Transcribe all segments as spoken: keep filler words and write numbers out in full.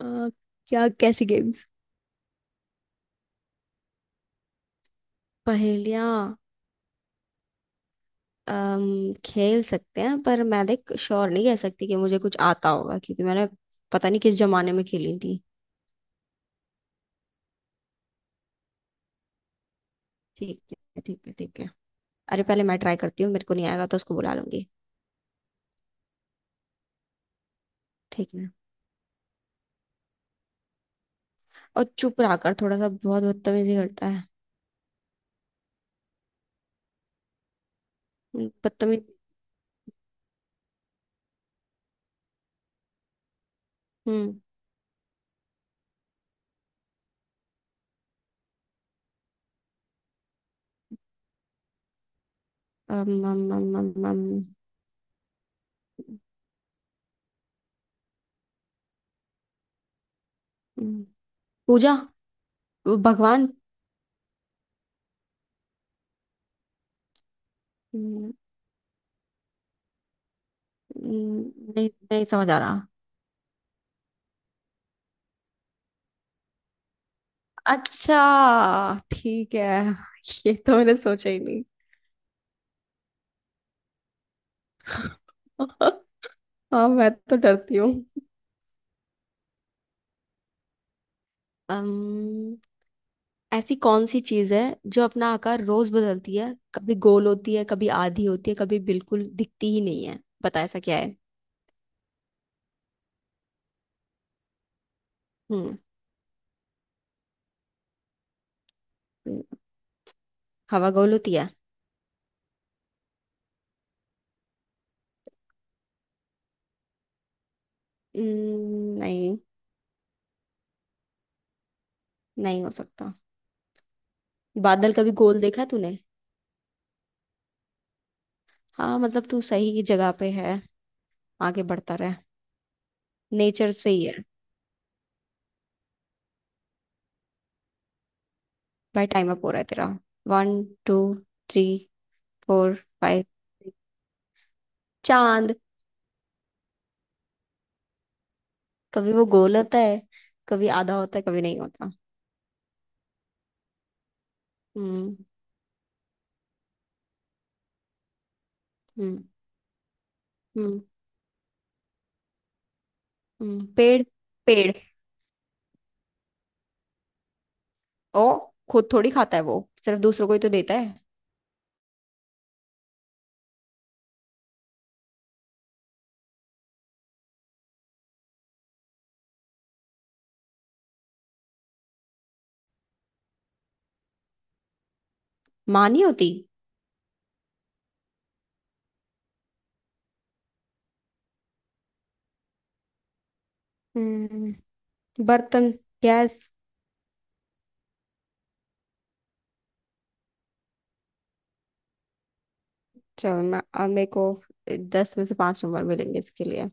अ, क्या? कैसी गेम्स? पहेलियाँ। अम, खेल सकते हैं, पर मैं देख श्योर नहीं कह सकती कि मुझे कुछ आता होगा, क्योंकि मैंने पता नहीं किस जमाने में खेली थी। ठीक है, ठीक है, ठीक है। अरे, पहले मैं ट्राई करती हूँ, मेरे को नहीं आएगा तो उसको बुला लूंगी। ठीक है। और चुप रहा कर थोड़ा सा, बहुत बदतमीजी करता है। हम्म, बदतमीज। हम्म। अम, अम, अम, अम, अम, अम, पूजा। वो भगवान। हम्म, हम्म, नहीं, नहीं समझ आ रहा। अच्छा, ठीक है। ये तो मैंने सोचा ही नहीं। हाँ, मैं तो डरती हूँ। अम्म, ऐसी कौन सी चीज है जो अपना आकार रोज बदलती है? कभी गोल होती है, कभी आधी होती है, कभी बिल्कुल दिखती ही नहीं है। बता, ऐसा क्या है? हम्म। हम्म, हवा गोल होती है? हम्म, नहीं। नहीं हो सकता। बादल कभी गोल देखा है तूने? हाँ, मतलब तू सही जगह पे है। आगे बढ़ता रहे। नेचर से ही है। भाई, टाइम अप हो रहा है तेरा। One, two, three, four, five. चांद। कभी वो गोल होता है, कभी आधा होता है, कभी नहीं होता। हम्म हम्म हम्म हम्म पेड़, पेड़। ओ। खुद थोड़ी खाता है वो। सिर्फ दूसरों को ही तो देता है। माँ नहीं होती। हम्म बर्तन। गैस। चल, मैं अब मेरे को दस में से पांच नंबर मिलेंगे इसके लिए।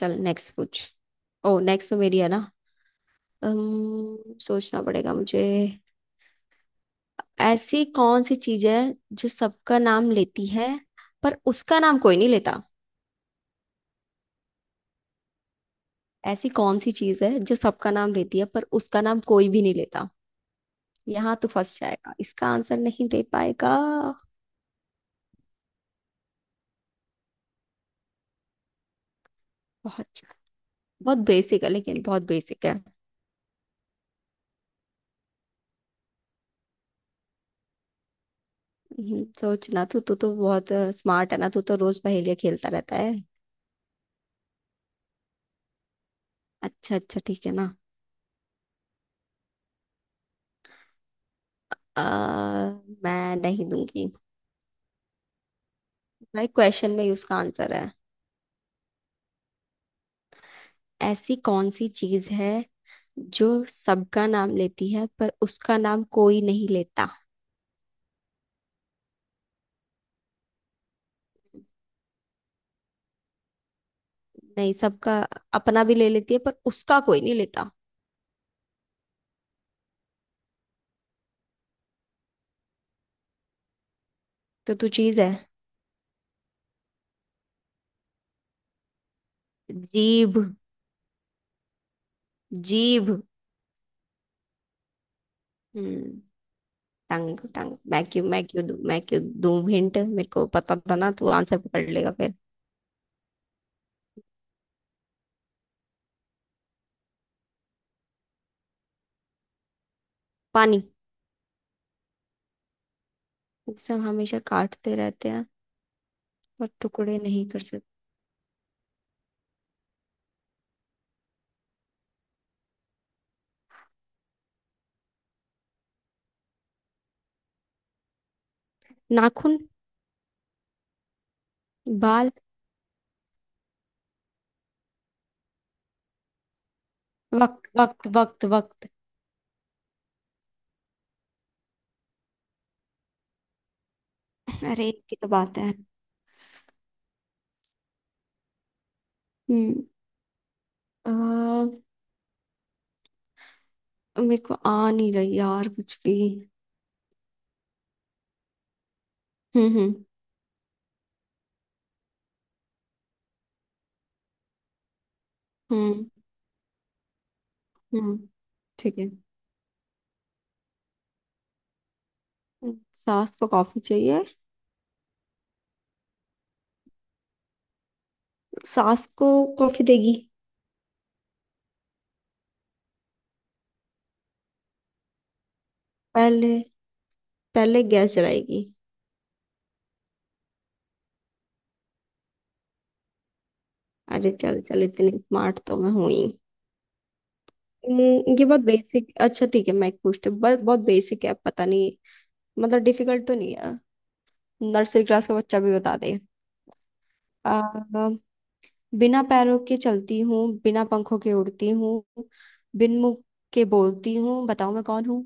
चल, नेक्स्ट पूछ। ओ, नेक्स्ट तो मेरी है ना। अम्म, सोचना पड़ेगा मुझे। ऐसी कौन सी चीज है जो सबका नाम लेती है, पर उसका नाम कोई नहीं लेता? ऐसी कौन सी चीज है जो सबका नाम लेती है, पर उसका नाम कोई भी नहीं लेता? यहाँ तो फंस जाएगा, इसका आंसर नहीं दे पाएगा। बहुत। बहुत बेसिक है, लेकिन बहुत बेसिक है। हम्म, सोचना। तू तू तो बहुत स्मार्ट है ना, तू तो रोज पहेलियाँ खेलता रहता है। अच्छा, अच्छा, ठीक है ना। आ, मैं नहीं दूंगी। भाई, क्वेश्चन में ही उसका आंसर है। ऐसी कौन सी चीज है जो सबका नाम लेती है, पर उसका नाम कोई नहीं लेता? नहीं, सबका, अपना भी ले लेती है, पर उसका कोई नहीं लेता। तो तू चीज है? जीभ। जीभ। हम्म। टंग, टंग, मैं क्यों मैं क्यों दूं मैं क्यों दूं हिंट? मेरे को पता था ना तू आंसर पकड़ लेगा फिर। पानी। जिसे हम हमेशा काटते रहते हैं, पर टुकड़े नहीं कर सकते। नाखून। बाल। वक्त, वक्त, वक्त, वक्त। अरे, की तो बात है। हम्म। मेरे को आ नहीं रही यार, कुछ भी। हम्म, हम्म, हम्म, हम्म, ठीक है। हम्म, सास को कॉफी चाहिए। सास को कॉफी देगी। पहले, पहले गैस जलाएगी। अरे, चल चल, इतनी स्मार्ट तो मैं हूं ही। हम्म। ये बहुत बेसिक। अच्छा, ठीक है, मैं एक पूछती हूँ, बहुत, बहुत बेसिक है, पता नहीं। मतलब डिफिकल्ट तो नहीं है। नर्सरी क्लास का बच्चा भी बता दे। आ, बिना पैरों के चलती हूँ। बिना पंखों के उड़ती हूँ। बिन मुंह के बोलती हूँ, बताओ मैं कौन हूँ?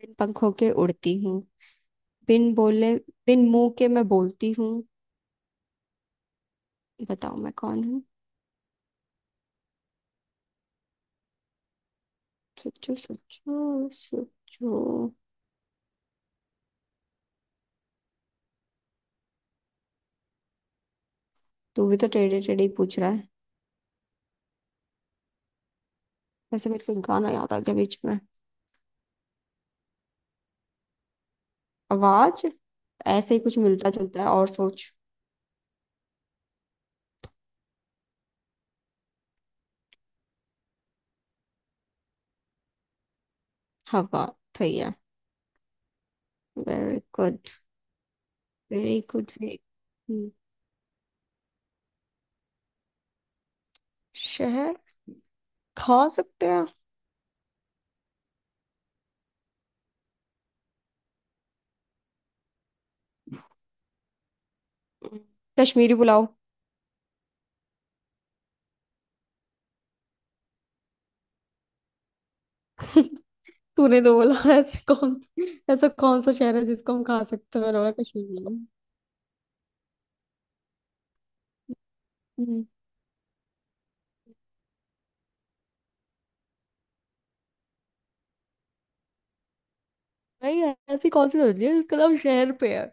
बिन पंखों के उड़ती हूँ, बिन बोले, बिन मुंह के मैं बोलती हूँ, बताओ मैं कौन हूँ? सोचो, सोचो, सोचो। तू भी तो टेढ़े टेढ़े ही पूछ रहा है। वैसे मेरे को गाना याद आ गया बीच में। आवाज। ऐसे ही कुछ मिलता जुलता है, और सोच। हवा। सही है। Very good, very good, very. शहर? खा सकते हैं? हम्म, कश्मीरी पुलाव। तूने तो बोला, ऐसे कौन। ऐसा कौन सा शहर है जिसको हम खा सकते हैं, मैंने बोला कश्मीर। भाई। ऐसी कौन सी सब्जी है जिसका नाम शहर पे है?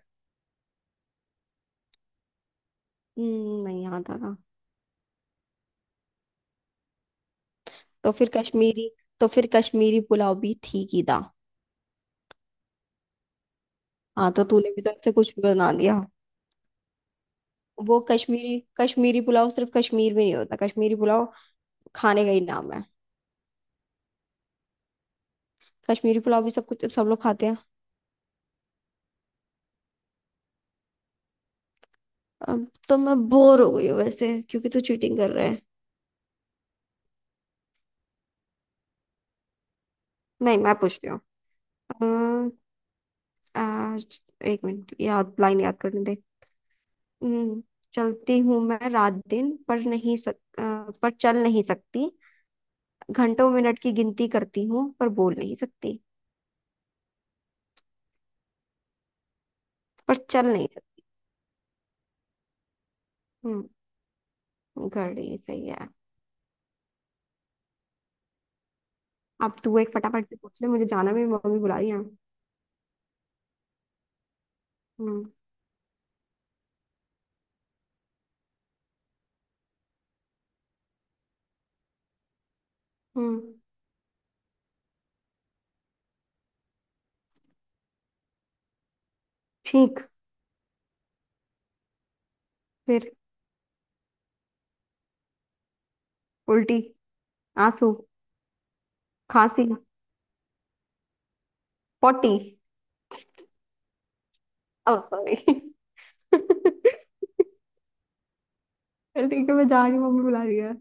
हम्म, नहीं याद आ रहा। तो फिर कश्मीरी। तो फिर कश्मीरी पुलाव भी थी कीदा। हाँ, तो तूने भी तो ऐसे कुछ भी बना दिया। वो कश्मीरी, कश्मीरी पुलाव सिर्फ कश्मीर में नहीं होता, कश्मीरी पुलाव खाने का ही नाम है। कश्मीरी पुलाव भी, सब कुछ सब लोग खाते हैं। अब तो मैं बोर हो गई हूँ वैसे, क्योंकि तू चीटिंग कर रहा है। नहीं, मैं पूछती हूँ। अम्म, आज- एक मिनट, याद लाइन याद करने दे। हम्म। चलती हूँ मैं रात दिन, पर नहीं सक अ, पर चल नहीं सकती। घंटों मिनट की गिनती करती हूँ, पर बोल नहीं सकती। पर चल नहीं सकती। हम्म। घड़ी सही है। अब तू एक फटाफट से पूछ ले, मुझे जाना, मेरी मम्मी बुला रही है। हम्म। हम्म। ठीक। फिर। उल्टी। आंसू। खांसी। पोटी। ओ, सॉरी। चल ठीक है, मैं जा रही हूँ, मम्मी बुला रही है।